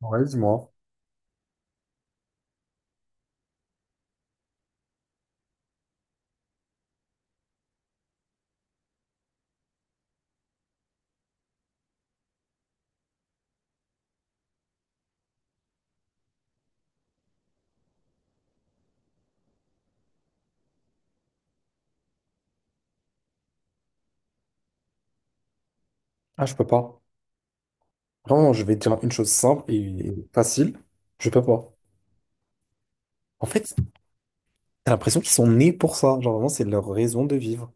Ouais, dis-moi. Ah, je peux pas. Vraiment, je vais te dire une chose simple et facile. Je peux pas. En fait, t'as l'impression qu'ils sont nés pour ça. Genre, vraiment, c'est leur raison de vivre.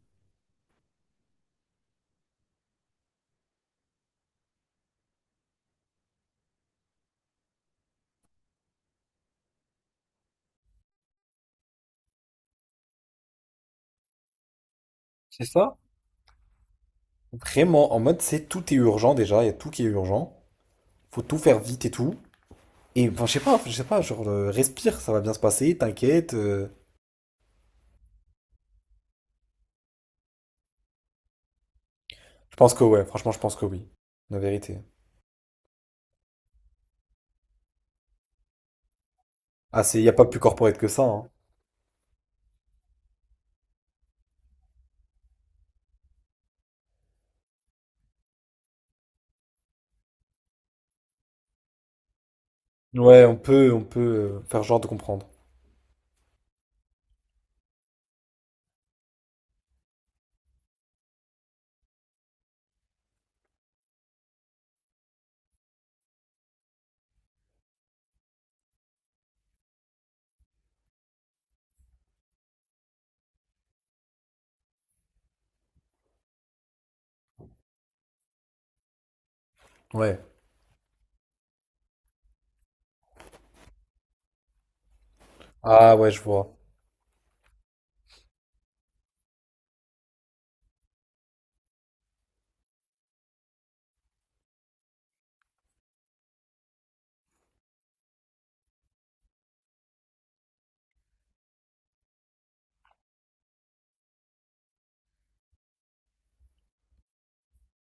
C'est ça? Vraiment, en mode, c'est tout est urgent déjà. Il y a tout qui est urgent. Faut tout faire vite et tout. Et enfin, je sais pas, genre, respire, ça va bien se passer, t'inquiète. Je pense que ouais, franchement, je pense que oui. La vérité. Ah, y a pas plus corporate que ça, hein. Ouais, on peut faire genre de comprendre. Ouais. Ah ouais, je vois.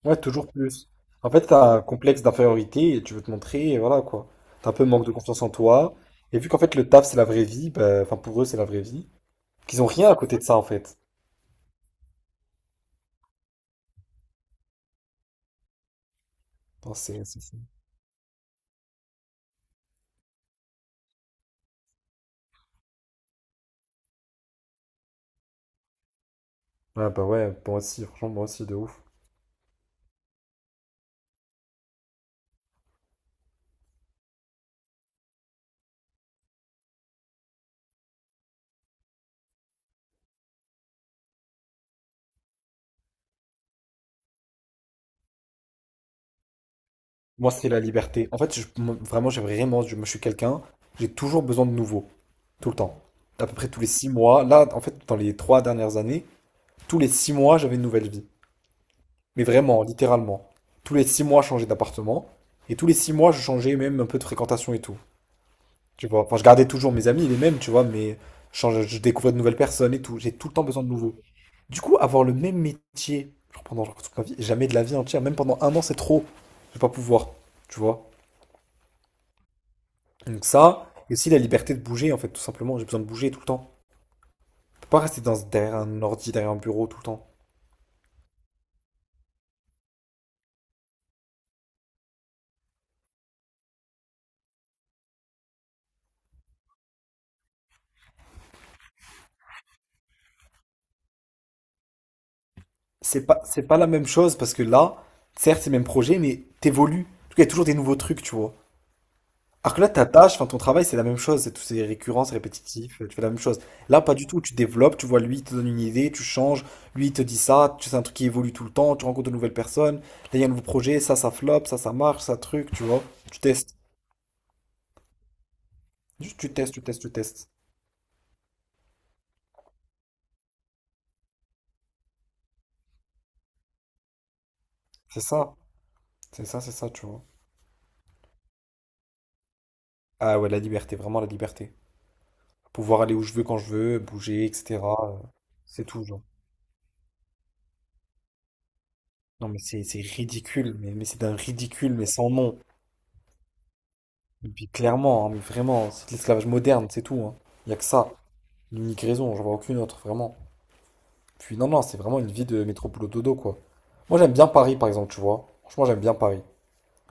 Ouais, toujours plus. En fait, t'as un complexe d'infériorité et tu veux te montrer, et voilà quoi. T'as un peu manque de confiance en toi. Et vu qu'en fait, le taf, c'est la vraie vie, bah, enfin, pour eux, c'est la vraie vie, qu'ils ont rien à côté de ça, en fait. Non, c'est fou. Ouais, bah ouais, moi aussi, franchement, moi aussi, de ouf. Moi, c'est la liberté. En fait, moi, vraiment, moi, je suis quelqu'un, j'ai toujours besoin de nouveau, tout le temps. À peu près tous les 6 mois. Là, en fait, dans les 3 dernières années, tous les 6 mois, j'avais une nouvelle vie. Mais vraiment, littéralement. Tous les 6 mois, je changeais d'appartement. Et tous les 6 mois, je changeais même un peu de fréquentation et tout. Tu vois, enfin, je gardais toujours mes amis, les mêmes, tu vois, mais je découvrais de nouvelles personnes et tout. J'ai tout le temps besoin de nouveaux. Du coup, avoir le même métier, genre pendant genre toute ma vie, jamais de la vie entière, même pendant un an, c'est trop. Je vais pas pouvoir, tu vois. Donc ça, et aussi la liberté de bouger, en fait, tout simplement. J'ai besoin de bouger tout le temps. Je peux pas rester derrière un ordi, derrière un bureau tout le temps. C'est pas la même chose parce que là, certes, c'est le même projet, mais t'évolues. En tout cas, il y a toujours des nouveaux trucs, tu vois. Alors que là, ta tâche, enfin ton travail, c'est la même chose, c'est tout, c'est récurrent, c'est répétitif, tu fais la même chose. Là, pas du tout, tu développes, tu vois, lui, il te donne une idée, tu changes, lui, il te dit ça, c'est un truc qui évolue tout le temps, tu rencontres de nouvelles personnes, là, il y a un nouveau projet, ça flop, ça marche, ça truc, tu vois. Tu testes, juste tu testes, tu testes, tu testes. C'est ça, c'est ça, c'est ça, tu vois. Ah ouais, la liberté, vraiment la liberté. Pouvoir aller où je veux, quand je veux, bouger, etc. euh, C'est tout, genre. Non, mais c'est ridicule, mais c'est d'un ridicule, mais sans nom. Et puis clairement, hein, mais vraiment, c'est de l'esclavage moderne, c'est tout. Hein. Il n'y a que ça. L'unique raison, j'en vois aucune autre, vraiment. Puis non, non, c'est vraiment une vie de métropole dodo, quoi. Moi, j'aime bien Paris, par exemple, tu vois. Franchement, j'aime bien Paris.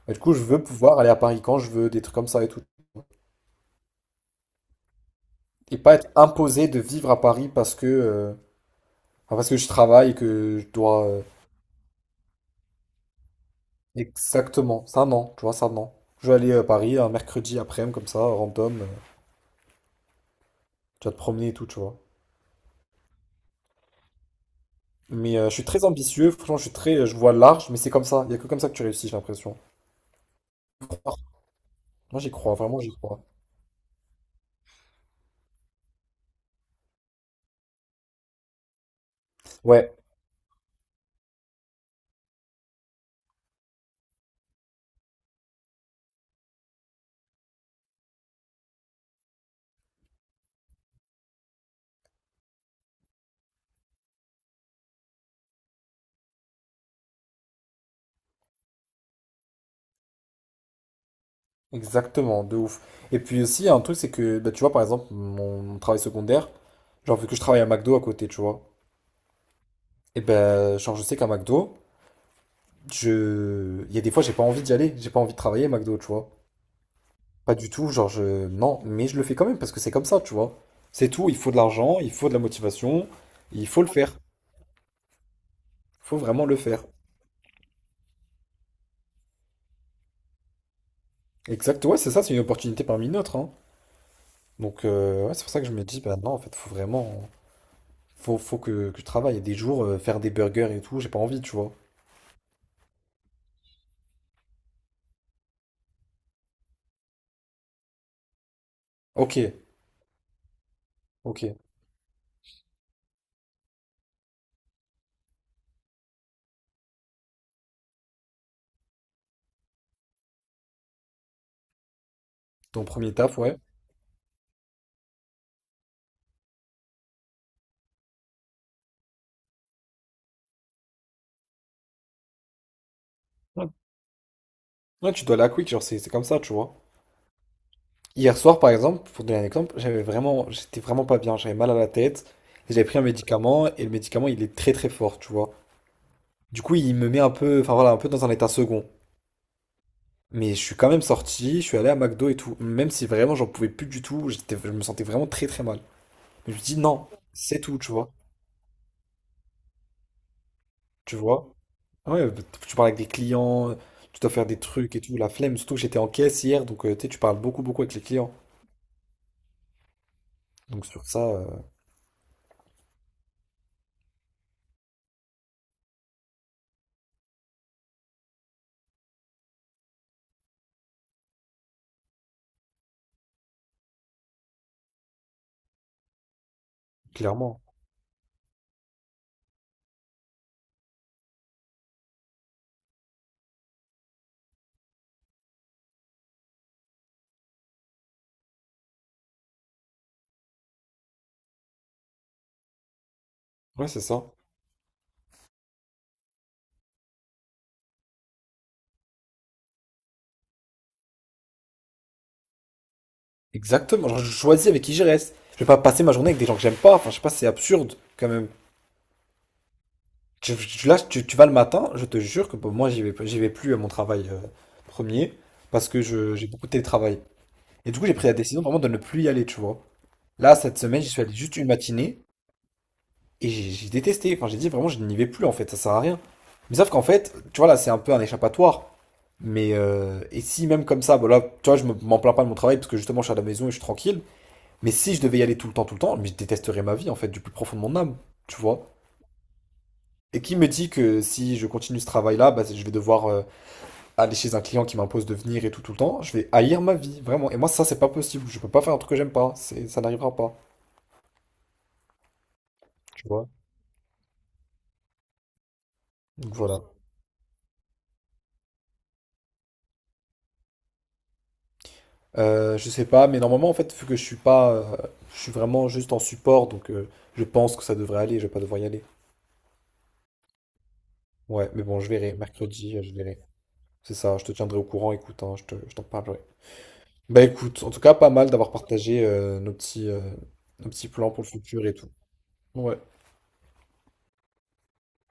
Mais du coup, je veux pouvoir aller à Paris quand je veux, des trucs comme ça et tout. Et pas être imposé de vivre à Paris parce que, enfin, parce que je travaille et que je dois. Exactement, ça non, tu vois, ça non. Je vais aller à Paris un mercredi après-midi, comme ça, random, tu vas te promener et tout, tu vois. Mais je suis très ambitieux, franchement, je suis très, je vois large, mais c'est comme ça. Il n'y a que comme ça que tu réussis, j'ai l'impression. Croire. Moi, j'y crois, vraiment, j'y crois. Ouais, exactement, de ouf. Et puis aussi, il y a un truc, c'est que, bah, tu vois, par exemple, mon travail secondaire, genre, vu que je travaille à McDo à côté, tu vois, et ben, genre, je sais qu'à McDo, il y a des fois, j'ai pas envie d'y aller, j'ai pas envie de travailler à McDo, tu vois. Pas du tout, genre, Non, mais je le fais quand même, parce que c'est comme ça, tu vois. C'est tout, il faut de l'argent, il faut de la motivation, il faut le faire. Il faut vraiment le faire. Exact, ouais, c'est ça, c'est une opportunité parmi d'autres. Hein. Donc, ouais, c'est pour ça que je me dis, bah non, en fait, faut que je travaille. Il y a des jours, faire des burgers et tout, j'ai pas envie, tu vois. Ok, ok. Ton premier taf, ouais. Ouais, ouais, tu dois aller à la Quick, genre, c'est comme ça, tu vois. Hier soir, par exemple, pour donner un exemple, j'étais vraiment pas bien, j'avais mal à la tête. Et j'avais pris un médicament et le médicament, il est très très fort, tu vois. Du coup, il me met un peu, enfin voilà, un peu dans un état second. Mais je suis quand même sorti, je suis allé à McDo et tout, même si vraiment j'en pouvais plus du tout, je me sentais vraiment très très mal. Mais je me dis non, c'est tout, tu vois. Tu vois? Ah ouais, bah, tu parles avec des clients, tu dois faire des trucs et tout, la flemme, surtout que j'étais en caisse hier, donc tu sais, tu parles beaucoup beaucoup avec les clients. Donc sur ça, clairement. Ouais, c'est ça. Exactement. Genre, je choisis avec qui je reste. Je vais pas passer ma journée avec des gens que j'aime pas. Enfin, je sais pas, c'est absurde quand même. Là, tu vas le matin, je te jure que bon, moi, j'y vais plus à mon travail premier parce que j'ai beaucoup de télétravail. Et du coup, j'ai pris la décision vraiment de ne plus y aller, tu vois. Là, cette semaine, j'y suis allé juste une matinée. Et j'ai détesté. Enfin, j'ai dit vraiment, je n'y vais plus en fait, ça sert à rien. Mais sauf qu'en fait, tu vois, là, c'est un peu un échappatoire. Mais et si même comme ça, voilà, tu vois, m'en plains pas de mon travail parce que justement, je suis à la maison et je suis tranquille. Mais si je devais y aller tout le temps, mais je détesterais ma vie en fait, du plus profond de mon âme, tu vois. Et qui me dit que si je continue ce travail-là, bah, je vais devoir aller chez un client qui m'impose de venir et tout, tout le temps. Je vais haïr ma vie, vraiment. Et moi, ça, c'est pas possible. Je peux pas faire un truc que j'aime pas. Ça n'arrivera pas, tu vois. Donc voilà. Je sais pas, mais normalement, en fait, vu que je suis pas, je suis vraiment juste en support, donc je pense que ça devrait aller, je vais pas devoir y aller. Ouais, mais bon, je verrai, mercredi, je verrai. C'est ça, je te tiendrai au courant, écoute, hein, je t'en parlerai. Bah écoute, en tout cas, pas mal d'avoir partagé nos petits plans pour le futur et tout. Ouais.